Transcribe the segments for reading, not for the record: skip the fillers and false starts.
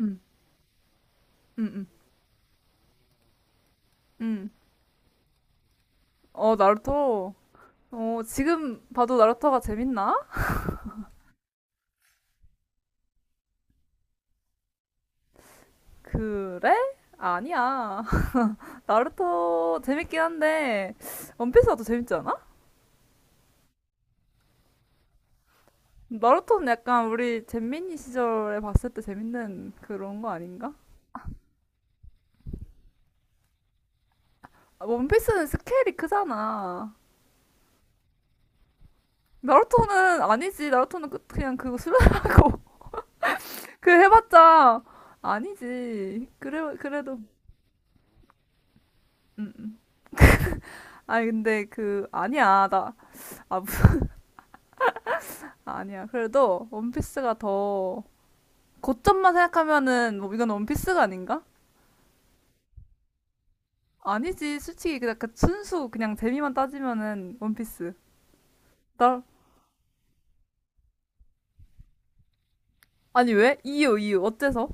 음, 음, 음, 음. 어, 나루토. 어, 지금 봐도 나루토가 재밌나? 그래? 아니야. 나루토 재밌긴 한데, 원피스가 더 재밌지 않아? 나루토는 약간 우리 잼민이 시절에 봤을 때 재밌는 그런 거 아닌가? 아, 원피스는 스케일이 크잖아. 나루토는 아니지. 나루토는 그냥 그거 수련하고. 그 해봤자 아니지. 그래, 그래도. 음, 음. 아니, 근데 그, 아니야. 나, 아, 아니야. 그래도 원피스가 더 고점만 생각하면은 뭐 이건 원피스가 아닌가? 아니지. 솔직히 그냥 그 순수 그냥 재미만 따지면은 원피스. 나 아니 왜? 이유 어때서?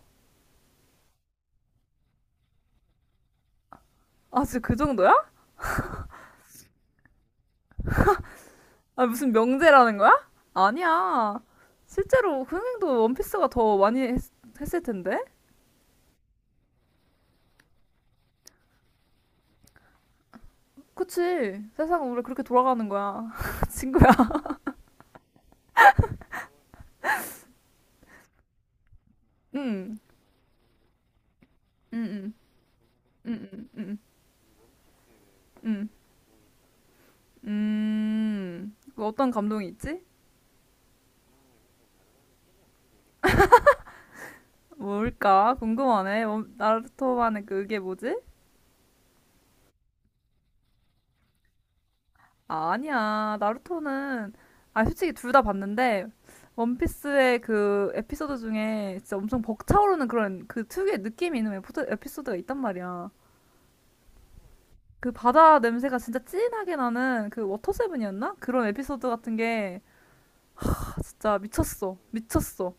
아 진짜 그 정도야? 아 무슨 명제라는 거야? 아니야. 실제로 흥행도 원피스가 더 많이 했을 텐데. 그치. 세상은 원래 그렇게 돌아가는 거야. 친구야. 응. 응. 응. 응. 응. 응. 응. 음. 그 어떤 감동이 있지? 뭘까? 궁금하네. 뭐, 나루토만의 그 그게 뭐지? 아, 아니야. 나루토는, 아, 솔직히 둘 다 봤는데, 원피스의 그 에피소드 중에 진짜 엄청 벅차오르는 그런 그 특유의 느낌이 있는 에피소드가 있단 말이야. 그 바다 냄새가 진짜 진하게 나는 그 워터세븐이었나? 그런 에피소드 같은 게 아, 진짜 미쳤어. 미쳤어.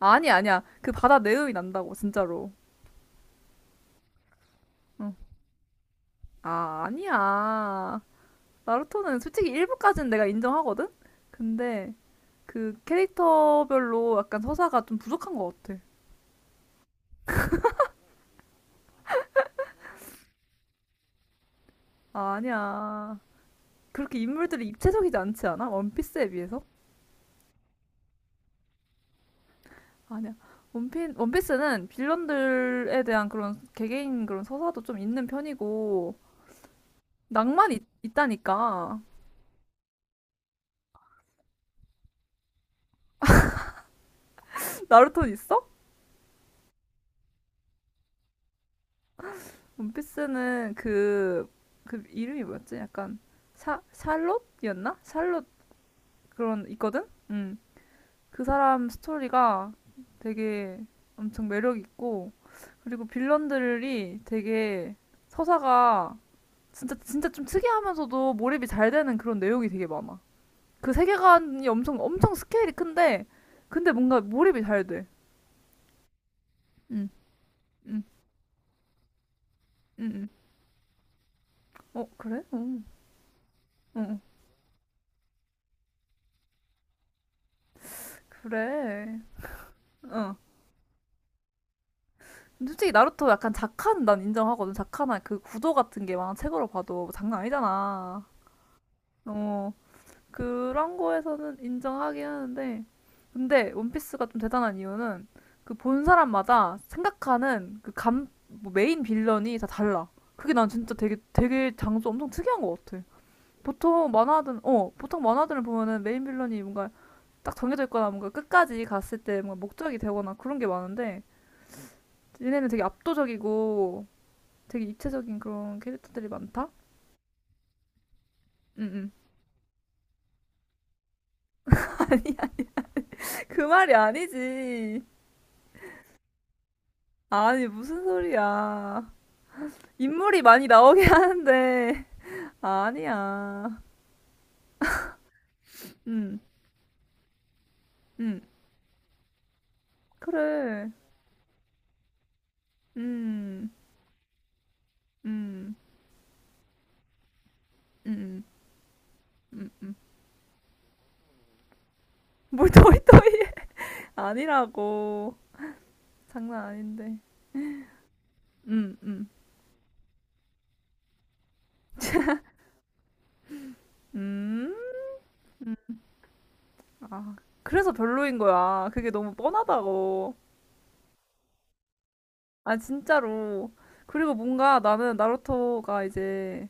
아니, 아니야. 그 바다 내음이 난다고, 진짜로. 응. 아, 아니야. 나루토는 솔직히 일부까지는 내가 인정하거든? 근데 그 캐릭터별로 약간 서사가 좀 부족한 것 같아. 아, 아니야. 그렇게 인물들이 입체적이지 않지 않아? 원피스에 비해서? 아니야. 원피스는 빌런들에 대한 그런 개개인 그런 서사도 좀 있는 편이고, 낭만이 있다니까. 나루토는 있어? 원피스는 그, 그 이름이 뭐였지? 약간 샬롯이었나? 샬롯 그런 있거든? 음. 그 사람 스토리가 되게 엄청 매력 있고 그리고 빌런들이 되게 서사가 진짜 진짜 좀 특이하면서도 몰입이 잘 되는 그런 내용이 되게 많아. 그 세계관이 엄청 엄청 스케일이 큰데 근데 뭔가 몰입이 잘 돼. 응, 응, 응, 응. 어 그래? 응, 응, 그래. 어. 근데 솔직히 나루토 약간 작한 난 인정하거든. 작한한 그 구도 같은 게 막 책으로 봐도 장난 아니잖아. 어. 그런 거에서는 인정하긴 하는데, 근데 원피스가 좀 대단한 이유는 그 본 사람마다 생각하는 그 감, 뭐 메인 빌런이 다 달라. 그게 난 진짜 되게 되게 장소 엄청 특이한 것 같아. 보통 만화든 어 보통 만화들을 보면은 메인 빌런이 뭔가 딱 정해져 있거나 뭔가 끝까지 갔을 때 뭔가 목적이 되거나 그런 게 많은데 얘네는 되게 압도적이고 되게 입체적인 그런 캐릭터들이 많다. 응응. 그 말이 아니지. 아니 무슨 소리야. 인물이 많이 나오긴 하는데 아니야. 음, 음, 그래. 음, 음, 음, 음. 뭘 토이토이 아니라고. 장난 아닌데. 음, 음, 음, 음. 아, 그래서 별로인 거야. 그게 너무 뻔하다고. 아, 진짜로. 그리고 뭔가 나는 나루토가 이제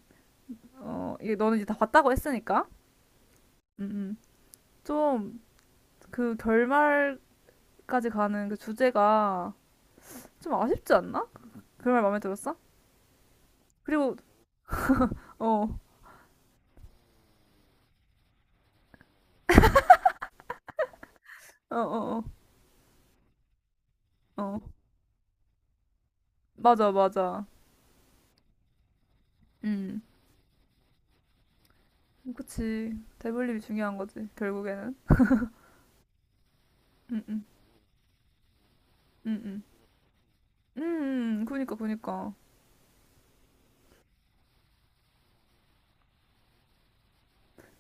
어, 이게 너는 이제 다 봤다고 했으니까. 음, 음. 좀 그 결말까지 가는 그 주제가 좀 아쉽지 않나? 그말 마음에 들었어? 그리고 어, 어, 어, 어, 어. 맞아, 맞아. 음, 그치. 대블립이 중요한 거지, 결국에는. 음, 음, 음, 음. 음, 그니까.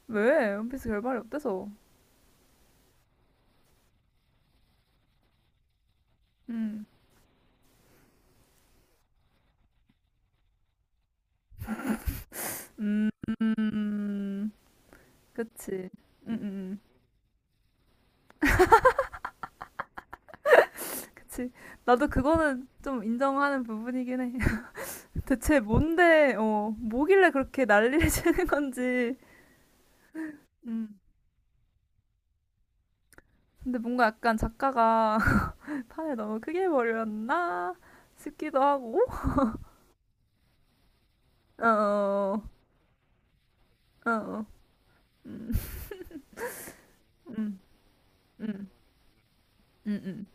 왜? 원피스 결말이 어때서? 음, 음, 음, 그치. 음, 음, 음. 그치. 나도 그거는 좀 인정하는 부분이긴 해. 대체 뭔데, 어, 뭐길래 그렇게 난리를 치는 건지. 음. 근데 뭔가 약간 작가가 판을 너무 크게 버렸나 싶기도 하고 어어 어, 어. 음, 음, 음, 음, 음.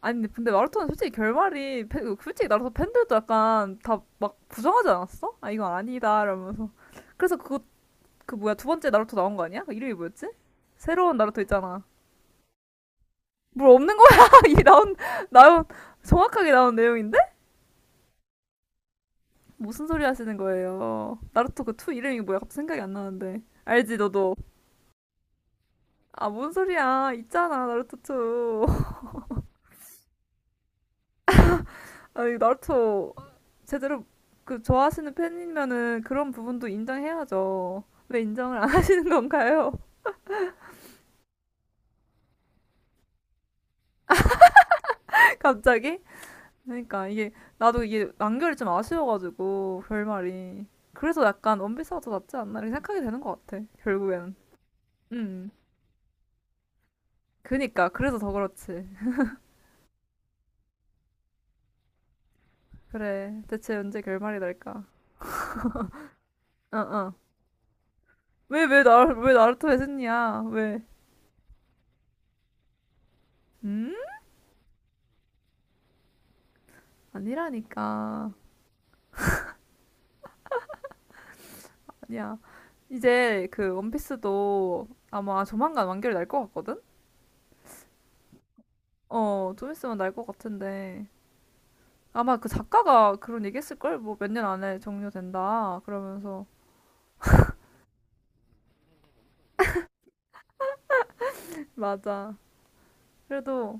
아니 근데, 근데 마라톤 솔직히 결말이 솔직히 나라서 팬들도 약간 다 막 부정하지 않았어? 아 이건 아니다 이러면서 그래서 그거 그 뭐야 두 번째 나루토 나온 거 아니야? 그 이름이 뭐였지? 새로운 나루토 있잖아 뭘 없는 거야 이 나온 나온 정확하게 나온 내용인데 무슨 소리 하시는 거예요 나루토 그 투 이름이 뭐야 갑자기 생각이 안 나는데 알지 너도 아, 뭔 소리야. 있잖아, 나루토 투 아니, 나루토 제대로 그 좋아하시는 팬이면은 그런 부분도 인정해야죠. 왜 인정을 안 하시는 건가요? 갑자기? 그러니까 이게 나도 이게 완결이 좀 아쉬워가지고 결말이 그래서 약간 원피스가 더 낫지 않나 이렇게 생각하게 되는 것 같아 결국에는 음 음. 그니까 그래서 더 그렇지 그래 대체 언제 결말이 날까 어어 왜 왜 나 왜 나루토 에즈니야 왜 음? 아니라니까 야, 이제 그 원피스도 아마 조만간 완결이 날 것 같거든? 어, 좀 있으면 날 것 같은데. 아마 그 작가가 그런 얘기 했을걸? 뭐 몇 년 안에 종료된다. 그러면서. 맞아. 그래도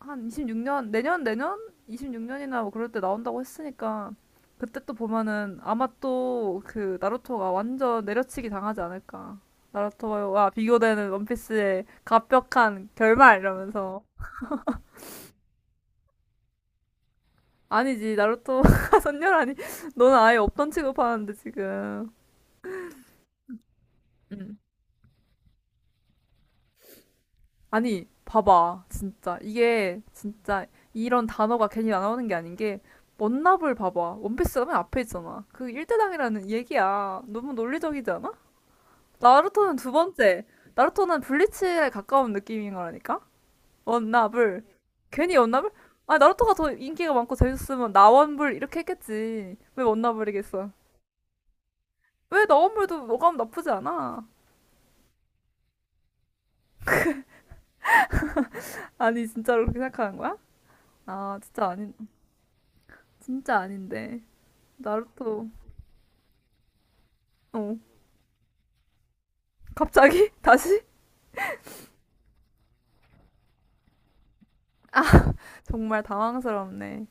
한 26년, 내년, 내년? 26년이나 뭐 그럴 때 나온다고 했으니까. 그때 또 보면은 아마 또 그 나루토가 완전 내려치기 당하지 않을까. 나루토와 비교되는 원피스의 갑벽한 결말 이러면서. 아니지, 나루토가 선녀라니. 너는 아예 없던 취급하는데, 지금. 응. 아니, 봐봐. 진짜. 이게, 진짜, 이런 단어가 괜히 나오는 게 아닌 게, 원나블 봐봐. 원피스가 맨 앞에 있잖아. 그 일대당이라는 얘기야. 너무 논리적이지 않아? 나루토는 두 번째. 나루토는 블리츠에 가까운 느낌인 거라니까? 원나블. 괜히 원나블? 아, 나루토가 더 인기가 많고 재밌었으면 나원불 이렇게 했겠지. 왜 원나블이겠어? 왜 나원불도 어감 나쁘지 않아? 아니 진짜로 그렇게 생각하는 거야? 아 진짜 아닌 진짜 아닌데 나루토 어 갑자기 다시 정말 당황스럽네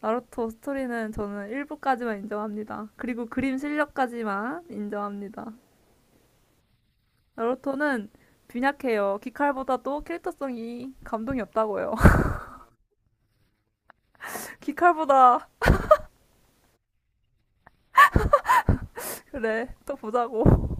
나루토 스토리는 저는 일부까지만 인정합니다 그리고 그림 실력까지만 인정합니다 나루토는 빈약해요 기칼보다도 캐릭터성이 감동이 없다고요 기칼보다 그래 또 보자고